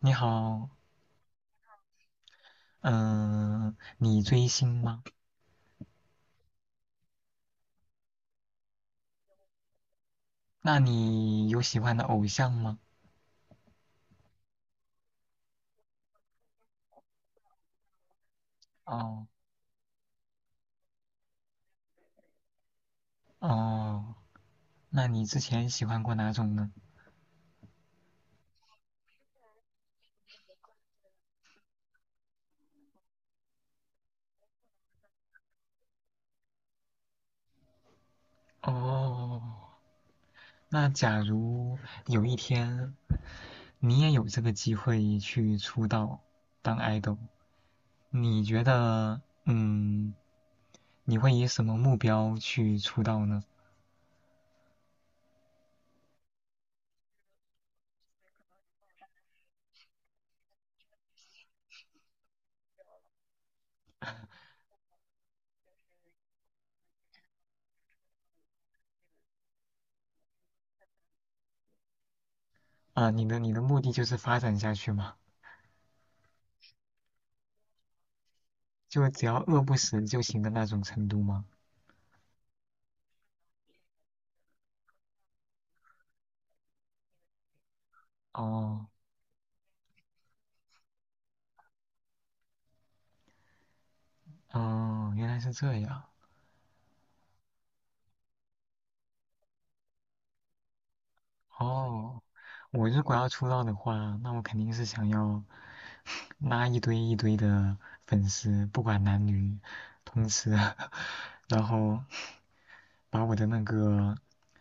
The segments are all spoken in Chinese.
你好，嗯、你追星吗？那你有喜欢的偶像吗？哦哦，那你之前喜欢过哪种呢？哦，那假如有一天你也有这个机会去出道当 idol,你觉得，嗯，你会以什么目标去出道呢？啊、你的目的就是发展下去吗？就只要饿不死就行的那种程度吗？哦哦，原来是这样。哦，我如果要出道的话，那我肯定是想要 拉一堆一堆的粉丝，不管男女，同时，然后把我的那个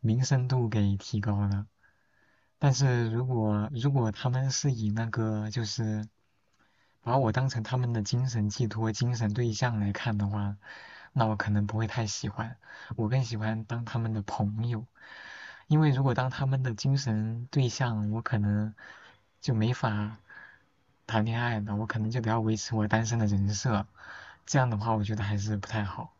名声度给提高了。但是如果他们是以那个就是把我当成他们的精神寄托、精神对象来看的话，那我可能不会太喜欢，我更喜欢当他们的朋友。因为如果当他们的精神对象，我可能就没法谈恋爱了，我可能就得要维持我单身的人设，这样的话我觉得还是不太好。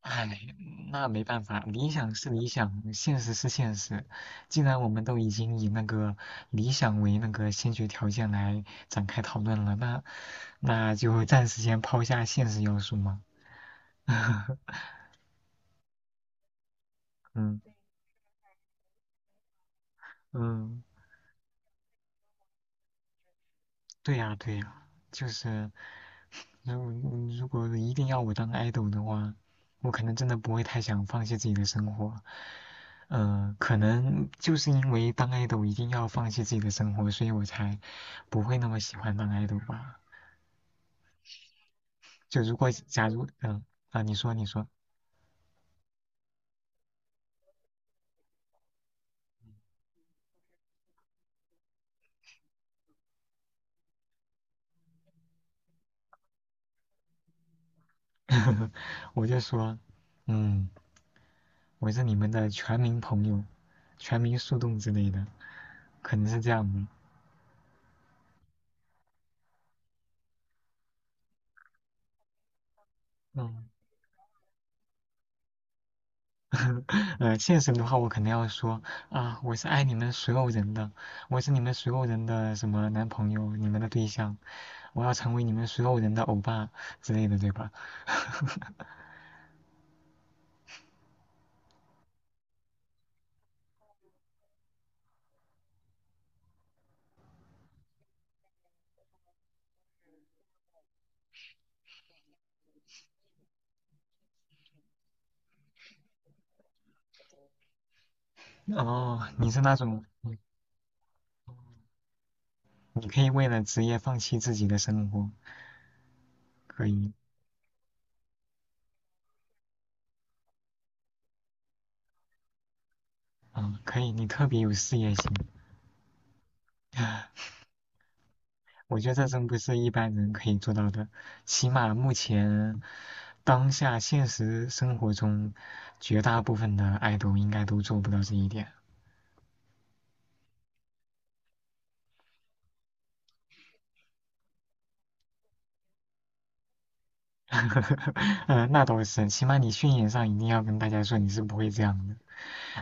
唉，那没办法，理想是理想，现实是现实。既然我们都已经以那个理想为那个先决条件来展开讨论了，那那就暂时先抛下现实要素嘛。嗯嗯，对呀对呀，就是。那我如果一定要我当 idol 的话，我可能真的不会太想放弃自己的生活。呃，可能就是因为当 idol 一定要放弃自己的生活，所以我才不会那么喜欢当 idol 吧。就如果假如，嗯、啊，你说，我就说，嗯，我是你们的全民朋友，全民树洞之类的，可能是这样的。嗯。呃，现实的话，我肯定要说啊，我是爱你们所有人的，我是你们所有人的什么男朋友，你们的对象，我要成为你们所有人的欧巴之类的，对吧？哦，你是那种，嗯你你可以为了职业放弃自己的生活，可以，啊，可以，你特别有事业心。我觉得这真不是一般人可以做到的，起码目前当下现实生活中，绝大部分的爱豆应该都做不到这一点。嗯那倒是，起码你训练上一定要跟大家说你是不会这样的。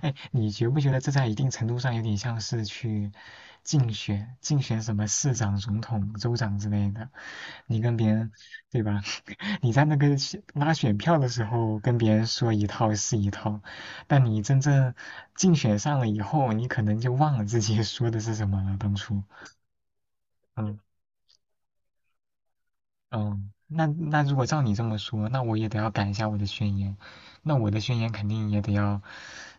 哎，你觉不觉得这在一定程度上有点像是去竞选什么市长、总统、州长之类的？你跟别人，对吧？你在那个选拉选票的时候跟别人说一套是一套，但你真正竞选上了以后，你可能就忘了自己说的是什么了，当初。嗯嗯，那那如果照你这么说，那我也得要改一下我的宣言，那我的宣言肯定也得要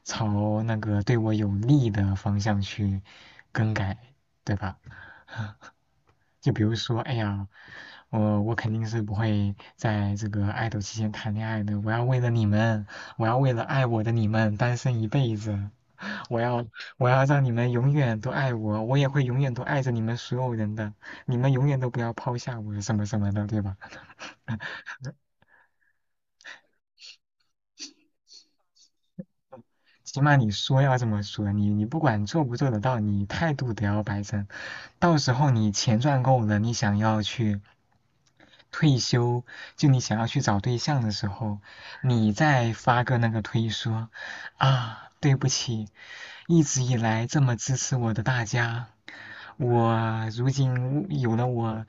朝那个对我有利的方向去更改，对吧？就比如说，哎呀，我肯定是不会在这个爱豆期间谈恋爱的，我要为了你们，我要为了爱我的你们单身一辈子，我要我要让你们永远都爱我，我也会永远都爱着你们所有人的，你们永远都不要抛下我什么什么的，对吧？起码你说要这么说，你你不管做不做得到，你态度得要摆正。到时候你钱赚够了，你想要去退休，就你想要去找对象的时候，你再发个那个推说啊，对不起，一直以来这么支持我的大家，我如今有了我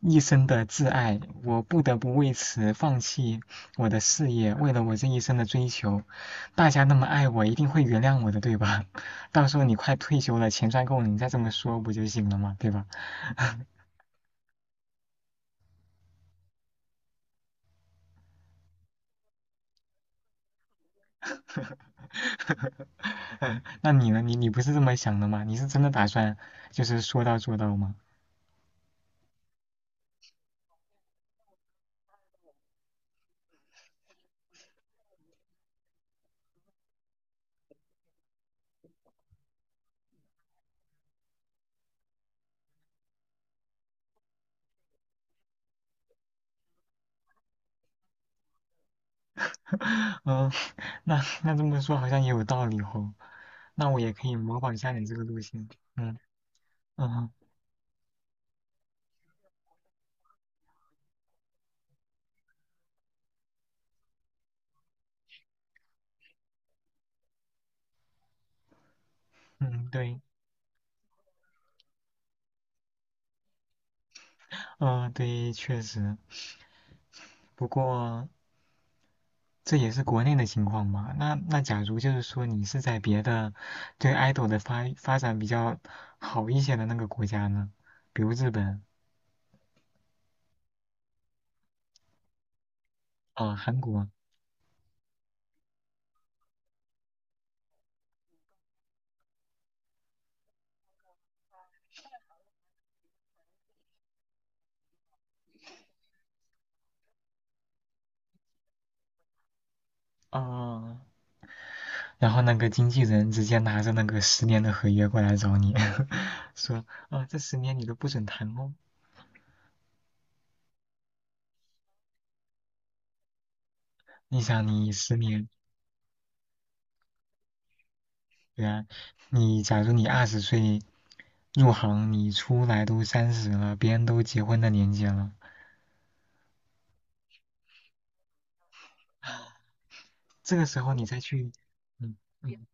一生的挚爱，我不得不为此放弃我的事业，为了我这一生的追求。大家那么爱我，一定会原谅我的，对吧？到时候你快退休了，钱赚够了，你再这么说不就行了嘛，对吧？那你呢？你你不是这么想的吗？你是真的打算就是说到做到吗？嗯，那那这么说好像也有道理哦。那我也可以模仿一下你这个路线。嗯嗯嗯，对。嗯，对，确实。不过这也是国内的情况嘛。那那假如就是说你是在别的对 idol 的发展比较好一些的那个国家呢，比如日本啊、韩国啊，然后那个经纪人直接拿着那个十年的合约过来找你，说啊、这10年你都不准谈哦。你想你十年，对啊，你假如你20岁入行，你出来都30了，别人都结婚的年纪了。这个时候你再去，嗯嗯，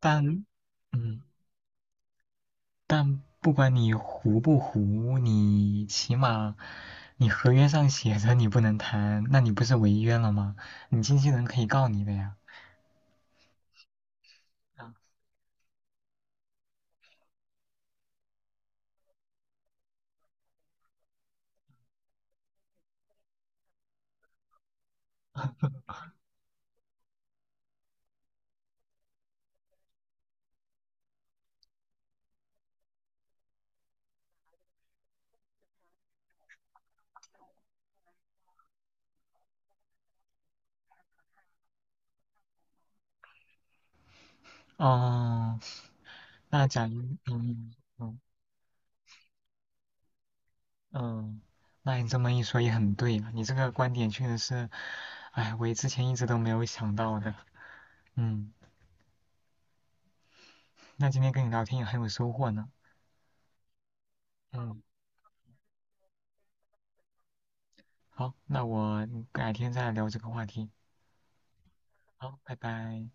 但嗯不管你糊不糊，你起码你合约上写着你不能谈，那你不是违约了吗？你经纪人可以告你的呀。哦，那假如嗯嗯嗯，那你这么一说也很对啊，你这个观点确实是，哎，我之前一直都没有想到的。嗯，那今天跟你聊天也很有收获呢。嗯。好，那我改天再聊这个话题。好，拜拜。